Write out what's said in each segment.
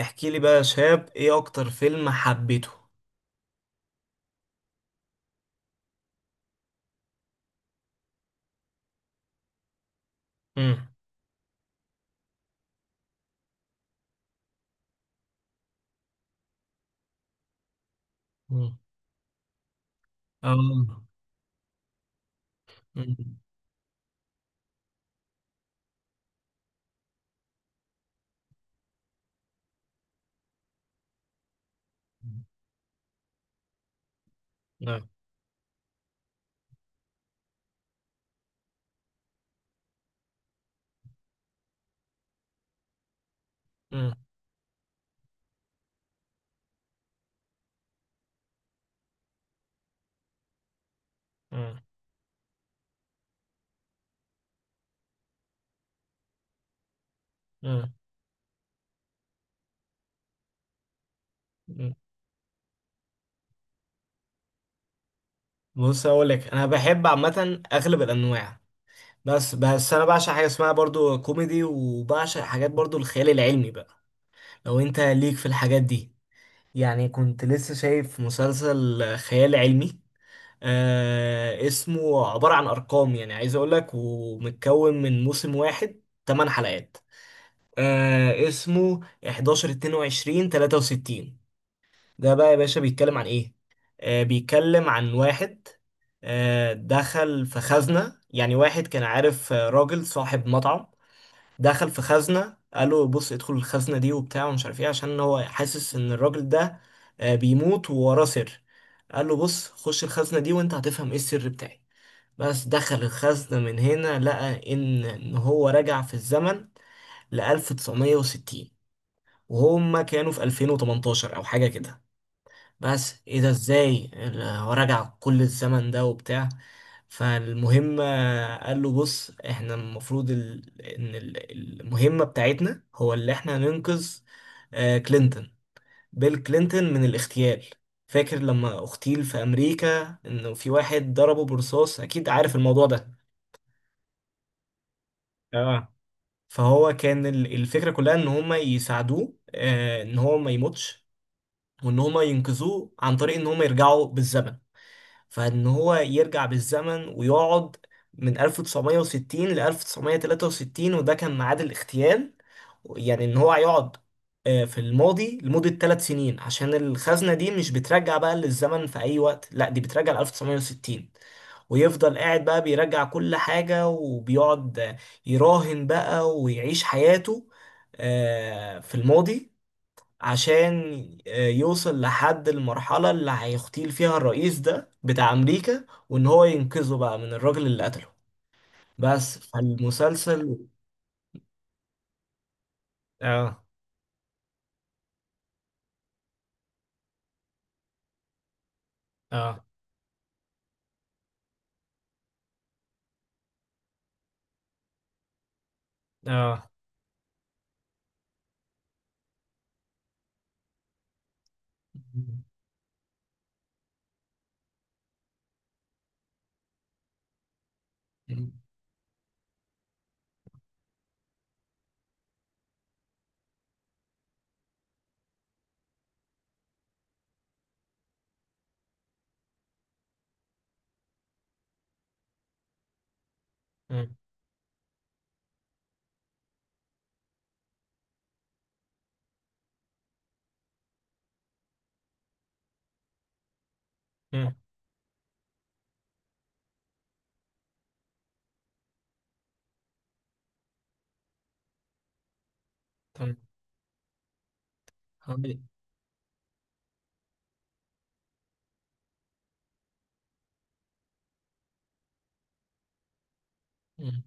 احكي لي بقى يا شاب، ايه اكتر فيلم حبيته؟ امم. امم. اه. امم. نعم. امم. امم. امم. امم. بص، اقول لك انا بحب عامه اغلب الانواع، بس انا بعشق حاجه اسمها برضو كوميدي، وبعشق حاجات برضو الخيال العلمي بقى. لو انت ليك في الحاجات دي، يعني كنت لسه شايف مسلسل خيال علمي. اسمه عباره عن ارقام، يعني عايز اقول لك، ومتكون من موسم واحد، 8 حلقات. اسمه 11 22 63. ده بقى يا باشا بيتكلم عن ايه؟ بيتكلم عن واحد دخل في خزنة، يعني واحد كان عارف، راجل صاحب مطعم، دخل في خزنة. قال له بص، ادخل الخزنة دي وبتاع ومش عارف ايه، عشان هو حاسس ان الراجل ده بيموت ووراه سر. قال له بص، خش الخزنة دي وانت هتفهم ايه السر بتاعي. بس دخل الخزنة من هنا، لقى إن هو رجع في الزمن ل 1960، وهم كانوا في 2018 او حاجه كده. بس ايه ده، ازاي هو راجع كل الزمن ده وبتاع. فالمهم، قال له بص، احنا المفروض المهمه بتاعتنا هو اللي احنا ننقذ كلينتون، بيل كلينتون من الاغتيال. فاكر لما اغتيل في امريكا، انه في واحد ضربه برصاص؟ اكيد عارف الموضوع ده. اه. فهو كان، الفكرة كلها ان هما يساعدوه، ان هو ما يموتش، وان هما ينقذوه عن طريق ان هما يرجعوا بالزمن. فان هو يرجع بالزمن ويقعد من 1960 ل 1963، وده كان ميعاد الاغتيال. يعني ان هو هيقعد في الماضي لمدة 3 سنين، عشان الخزنة دي مش بترجع بقى للزمن في أي وقت، لا دي بترجع ل 1960. ويفضل قاعد بقى بيرجع كل حاجة وبيقعد، يراهن بقى ويعيش حياته في الماضي، عشان يوصل لحد المرحلة اللي هيغتيل فيها الرئيس ده بتاع أمريكا، وإن هو ينقذه بقى من الراجل اللي قتله. بس، فالمسلسل. اه. اه. اه. مم. مم. مم. تمام. هقول- مم.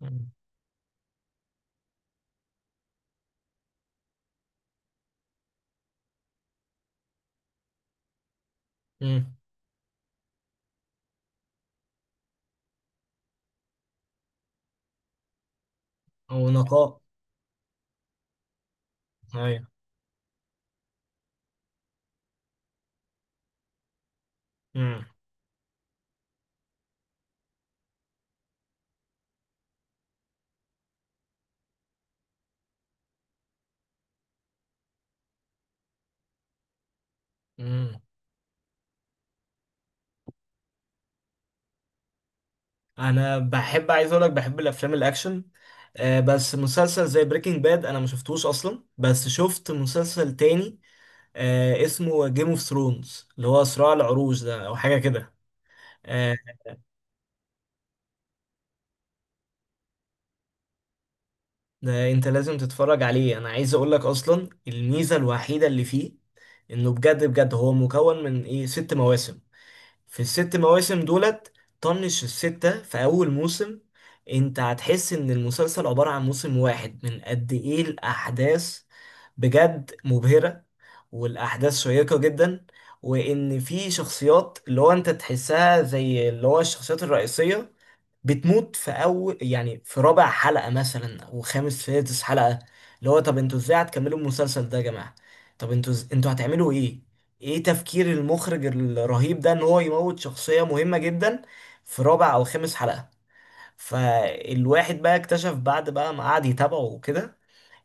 مم. مم. هو نقاء. ايوه. مم. مم. أنا بحب، عايز أقولك بحب الأفلام الأكشن. بس مسلسل زي بريكنج باد أنا ما شفتوش أصلا، بس شفت مسلسل تاني اسمه جيم اوف ثرونز، اللي هو صراع العروش ده او حاجه كده. آه. ده انت لازم تتفرج عليه. انا عايز اقول لك، اصلا الميزه الوحيده اللي فيه انه بجد بجد هو مكون من ايه 6 مواسم. في الست مواسم دولت، طنش الستة في أول موسم، أنت هتحس إن المسلسل عبارة عن موسم واحد من قد إيه الأحداث. بجد مبهرة. والأحداث شيقة جدا. وإن في شخصيات، اللي هو أنت تحسها زي اللي هو الشخصيات الرئيسية، بتموت في اول، يعني في رابع حلقة مثلا او خامس سادس حلقة. اللي هو طب انتوا ازاي هتكملوا المسلسل ده يا جماعة؟ طب انتوا انتوا هتعملوا ايه؟ ايه تفكير المخرج الرهيب ده ان هو يموت شخصية مهمة جدا في رابع او خامس حلقة؟ فالواحد بقى اكتشف بعد بقى ما قعد يتابعه وكده،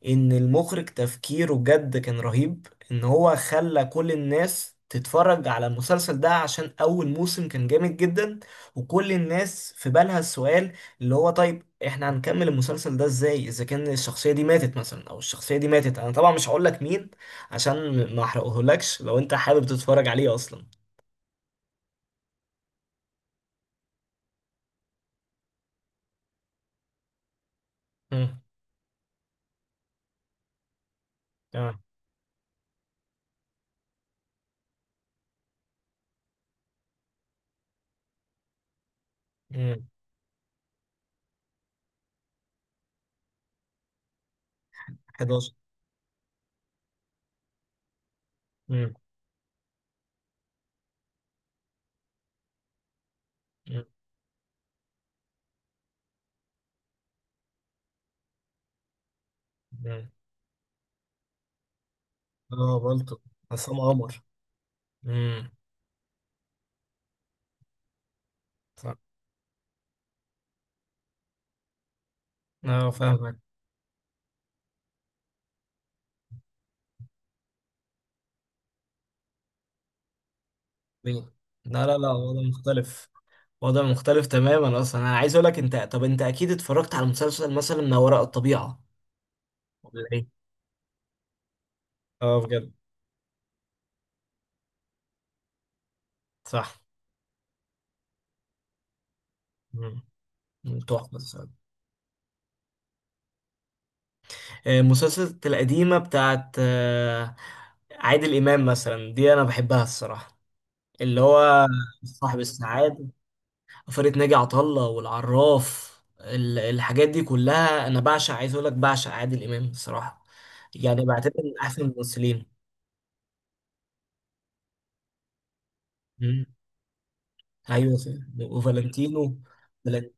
ان المخرج تفكيره بجد كان رهيب. ان هو خلى كل الناس تتفرج على المسلسل ده عشان اول موسم كان جامد جدا، وكل الناس في بالها السؤال، اللي هو طيب احنا هنكمل المسلسل ده ازاي اذا كان الشخصية دي ماتت مثلا، او الشخصية دي ماتت. انا طبعا مش هقول لك مين عشان ما احرقهولكش، لو انت حابب تتفرج عليه اصلا. مم. تمام. مم. 11. مم. مم. مم. اه، بلطو. عصام عمر. امم. صح. اه، فاهمك. مين؟ لا لا لا، وضع مختلف. وضع مختلف تماما. اصلا انا عايز اقول لك، انت طب انت اكيد اتفرجت على مسلسل مثلا ما وراء الطبيعة ولا ايه؟ اه، بجد. صح. مم. تحفة الصراحة. مسلسلات القديمة بتاعت عادل إمام مثلا دي أنا بحبها الصراحة. اللي هو صاحب السعادة، فرقة ناجي عطا الله، والعراف، الحاجات دي كلها أنا بعشق. عايز أقول لك بعشق عادل إمام الصراحة. يعني بعتبر من أحسن الممثلين. ايوه، وفالنتينو. فلن-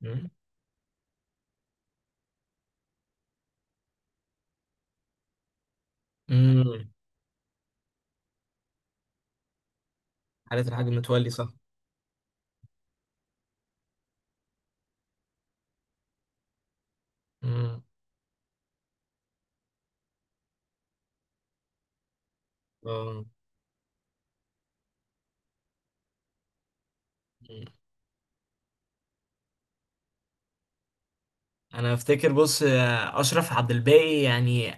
مم. مم. حالة الحاج متولي، صح. مم. اه. مم. انا افتكر، بص، اشرف عبد الباقي يعني،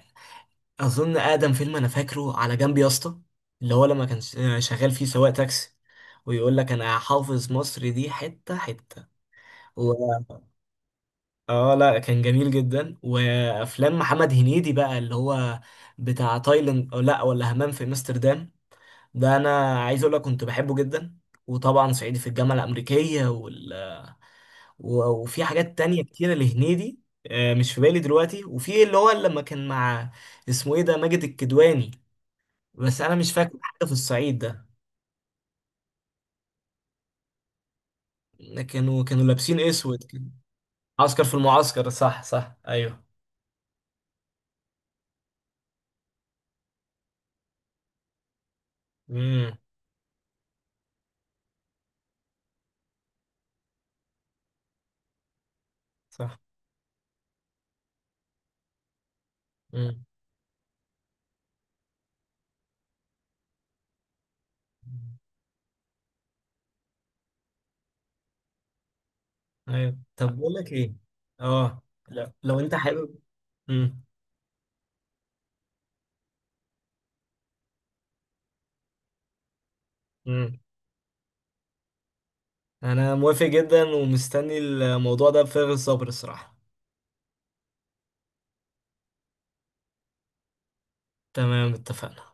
اظن اقدم فيلم انا فاكره، على جنب يا اسطى، اللي هو لما كان شغال فيه سواق تاكسي، ويقول لك انا حافظ مصر دي حته حته، و... اه لا، كان جميل جدا. وافلام محمد هنيدي بقى، اللي هو بتاع تايلاند، أو لا ولا همام في امستردام، ده انا عايز اقول لك كنت بحبه جدا. وطبعا صعيدي في الجامعه الامريكيه، وفي حاجات تانية كتيره لهنيدي، مش في بالي دلوقتي. وفي اللي هو لما كان مع، اسمه ايه ده، ماجد الكدواني. بس انا مش فاكر حاجه في الصعيد ده. كانوا لابسين اسود كده. عسكر في المعسكر، صح صح، ايوه. امم. صح. امم. ايوه. طب بقول لك ايه. اه. لا، لو انت حابب. امم. امم. انا موافق جدا، ومستني الموضوع ده بفارغ الصبر الصراحه. تمام اتفقنا.